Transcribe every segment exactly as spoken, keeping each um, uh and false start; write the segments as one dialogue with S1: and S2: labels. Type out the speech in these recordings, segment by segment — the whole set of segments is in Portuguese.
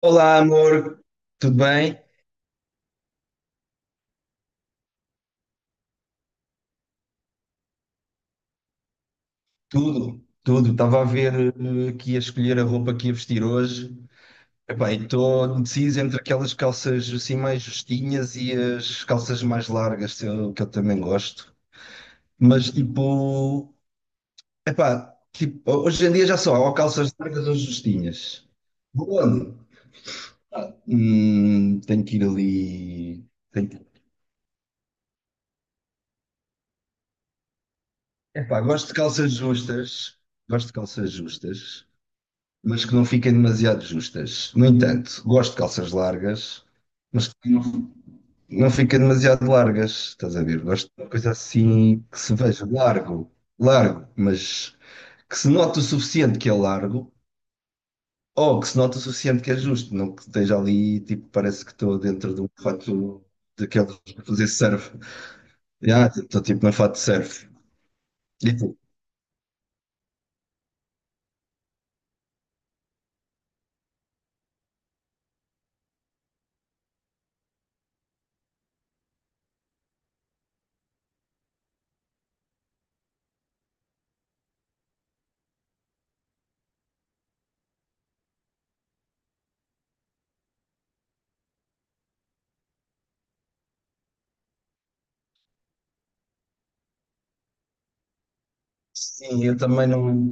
S1: Olá, amor, tudo bem? Tudo, tudo. Estava a ver eh, aqui a escolher a roupa que ia vestir hoje. Epá, estou indeciso entre aquelas calças assim mais justinhas e as calças mais largas, que eu, que eu também gosto. Mas tipo, epá, tipo, hoje em dia já só há ou calças largas ou justinhas. Vou onde? Ah, hum, tenho que ir ali. Tenho que... Epá, gosto de calças justas. Gosto de calças justas, mas que não fiquem demasiado justas. No entanto, gosto de calças largas, mas que não, não fiquem demasiado largas, estás a ver? Gosto de uma coisa assim que se veja largo, largo, mas que se note o suficiente que é largo, ou que se note o suficiente que é justo, não que esteja ali, tipo, parece que estou dentro de um fato daqueles para fazer surf. Ah, estou tipo num fato de surf. E tu? Sim, eu também não.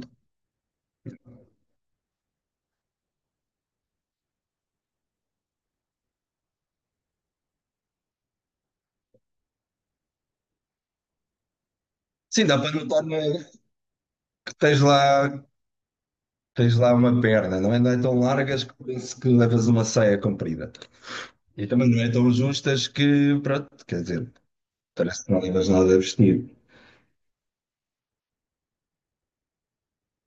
S1: Sim, dá para notar, né, que tens lá tens lá uma perna, não é, não é tão largas que parece que levas uma saia comprida. E também não é tão justas que, pronto, quer dizer, parece que não levas nada a vestir.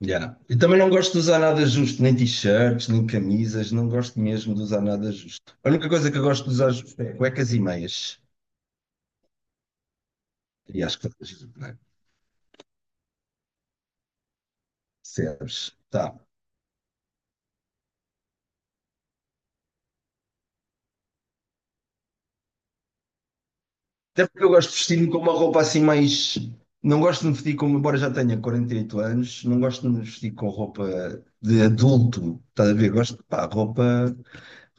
S1: Yeah. E também não gosto de usar nada justo, nem t-shirts, nem camisas, não gosto mesmo de usar nada justo. A única coisa que eu gosto de usar justo é cuecas e meias. E acho que faz giro, não é? Percebes? Tá. Até porque eu gosto de vestir-me com uma roupa assim mais. Não gosto de me vestir como, embora já tenha quarenta e oito anos, não gosto de me vestir com roupa de adulto, estás a ver? Gosto de pá, roupa,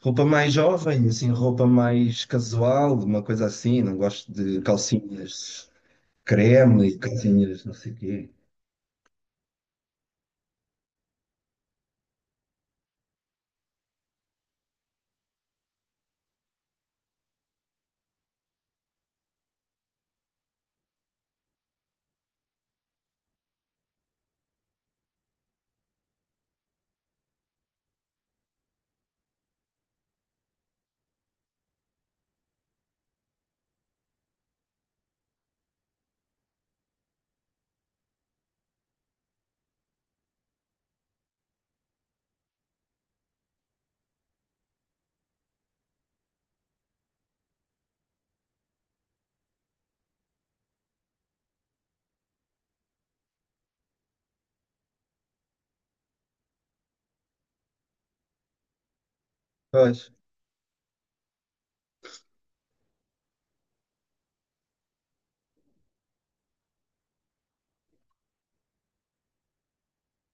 S1: roupa mais jovem, assim, roupa mais casual, uma coisa assim. Não gosto de calcinhas creme e calcinhas não sei o quê. Pois,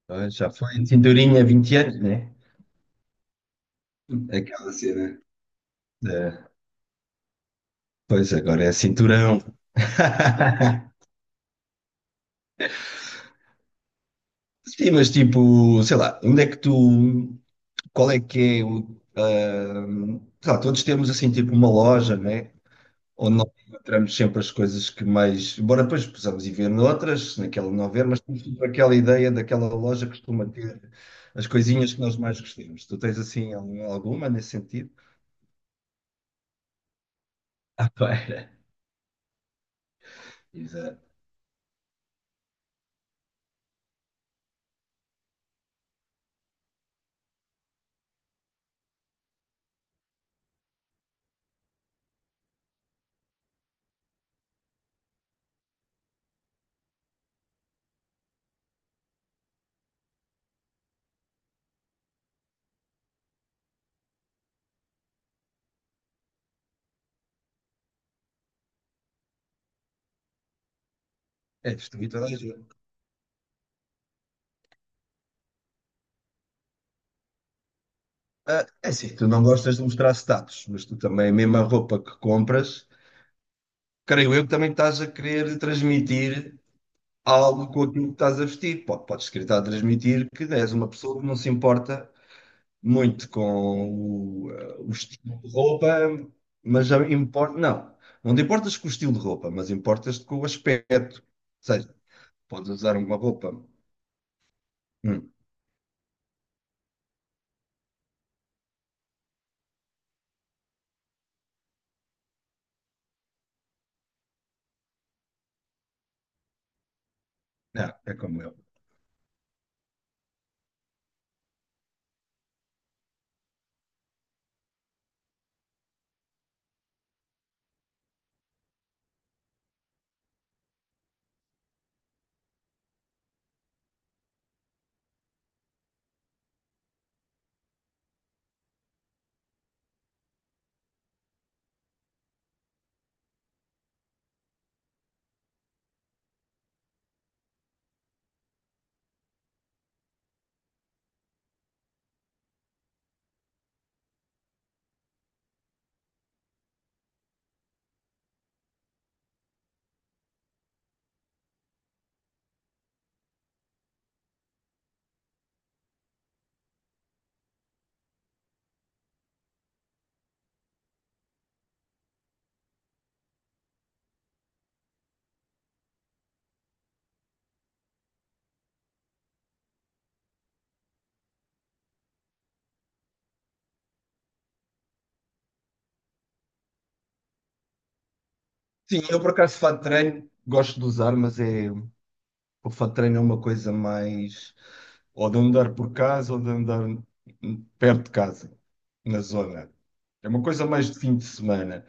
S1: pois, já foi cinturinha há vinte anos, né? Aquela cena. É, pois agora é cinturão. Sim, mas tipo, sei lá, onde é que tu qual é que é o. Ah, sei lá, todos temos assim tipo uma loja, né? Onde nós encontramos sempre as coisas que mais. Embora depois possamos ir ver noutras, naquela não ver, mas temos sempre aquela ideia daquela loja que costuma ter as coisinhas que nós mais gostamos. Tu tens assim algum- alguma nesse sentido? Ah, pera. Exato. É destruir toda a gente. Ah, é assim, tu não gostas de mostrar status, mas tu também, a mesma roupa que compras, creio eu que também estás a querer transmitir algo com aquilo que estás a vestir. Pode- Podes tentar transmitir que és uma pessoa que não se importa muito com o, eh, o estilo de roupa, mas já importa. Não, não te importas com o estilo de roupa, mas importas-te com o aspecto. Ou seja, podes usar uma roupa. Hum, não, é como eu. Sim, eu por acaso fato de treino gosto de usar, mas é. O fat treino é uma coisa mais ou de andar por casa ou de andar perto de casa, na zona. É uma coisa mais de fim de semana.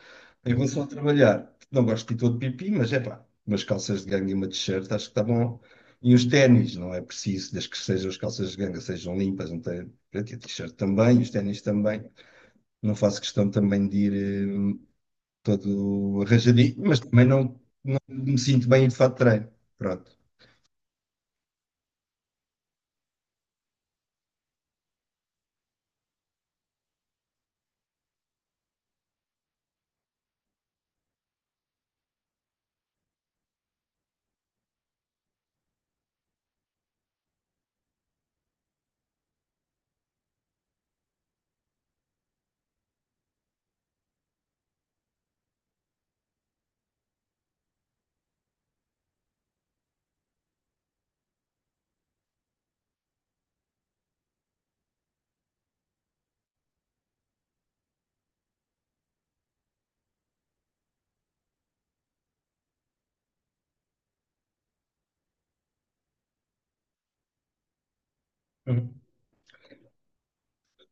S1: Em relação a trabalhar, não gosto de ir todo pipi, mas é pá, umas calças de ganga e uma t-shirt acho que está bom. E os ténis, não é preciso, desde que sejam as calças de ganga sejam limpas, não tem, pronto. E a t-shirt também, os ténis também. Não faço questão também de ir hum, todo arranjadinho, mas também não, não me sinto bem de fato de treino. Pronto.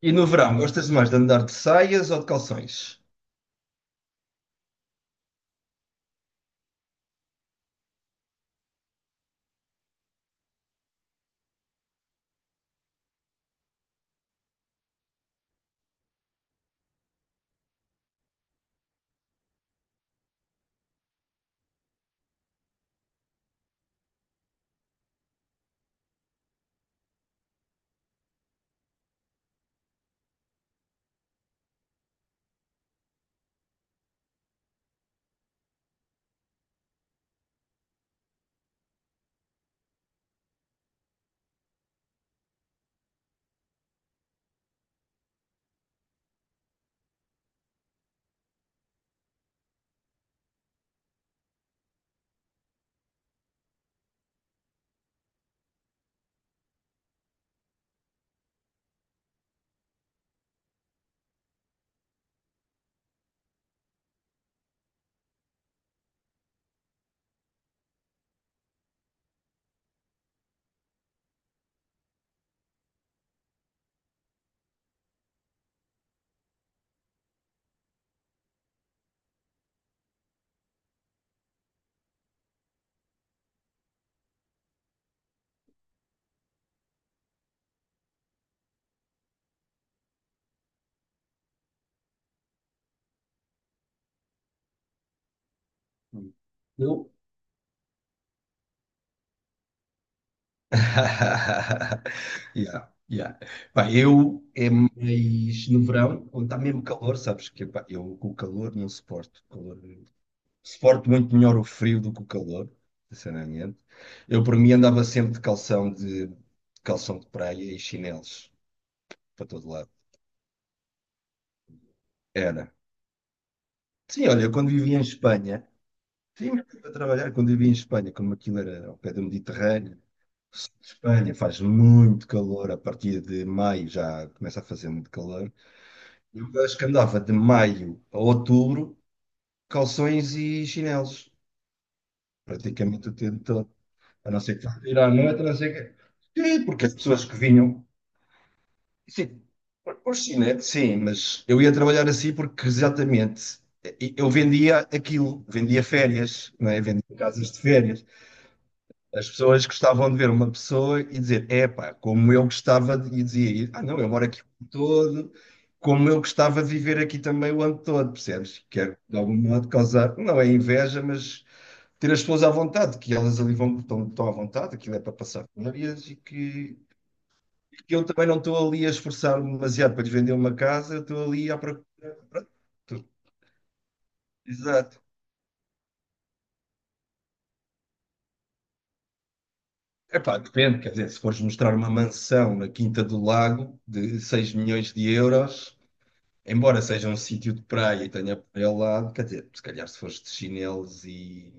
S1: E no verão, gostas mais de andar de saias ou de calções? Hum. Eu? Yeah, yeah. Pá, eu é mais no verão, quando está mesmo calor, sabes que pá, eu com o calor não suporto. O calor- suporto muito melhor o frio do que o calor, sinceramente. Eu por mim andava sempre de calção de calção de praia e chinelos para todo lado. Era. Sim, olha, eu quando vivia em Espanha, sim, mas para trabalhar, quando vivia em Espanha, como aquilo era ao pé do Mediterrâneo, Espanha faz muito calor, a partir de maio já começa a fazer muito calor. Eu acho que andava de maio a outubro, calções e chinelos, praticamente o tempo todo. A não ser que vá ir à noite, a não ser que. Sim, porque as pessoas que vinham. Sim, por por chinelos, sim, mas eu ia trabalhar assim porque exatamente eu vendia aquilo, vendia férias, não é? Vendia casas de férias. As pessoas gostavam de ver uma pessoa e dizer, epá, como eu gostava de... E dizia, ah não, eu moro aqui o ano todo, como eu gostava de viver aqui também o ano todo, percebes? Quero de algum modo causar, não é inveja, mas ter as pessoas à vontade, que elas ali vão, estão, estão à vontade, aquilo é para passar férias e que, que eu também não estou ali a esforçar-me demasiado para lhes vender uma casa, eu estou ali à procura. Pronto, tu- exato. Epá, depende, quer dizer, se fores mostrar uma mansão na Quinta do Lago de seis milhões de euros. Embora seja um sítio de praia e tenha praia ao lado, quer dizer, se calhar se fores de chinelos e,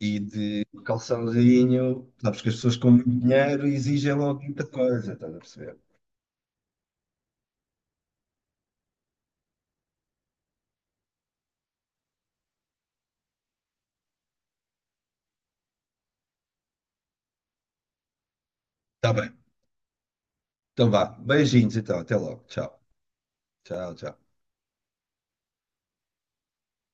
S1: e de calçãozinho, sabes que as pessoas com muito dinheiro exigem logo muita coisa, estás a perceber? Está bem, então vá. Beijinhos então, até logo. Tchau, tchau, tchau.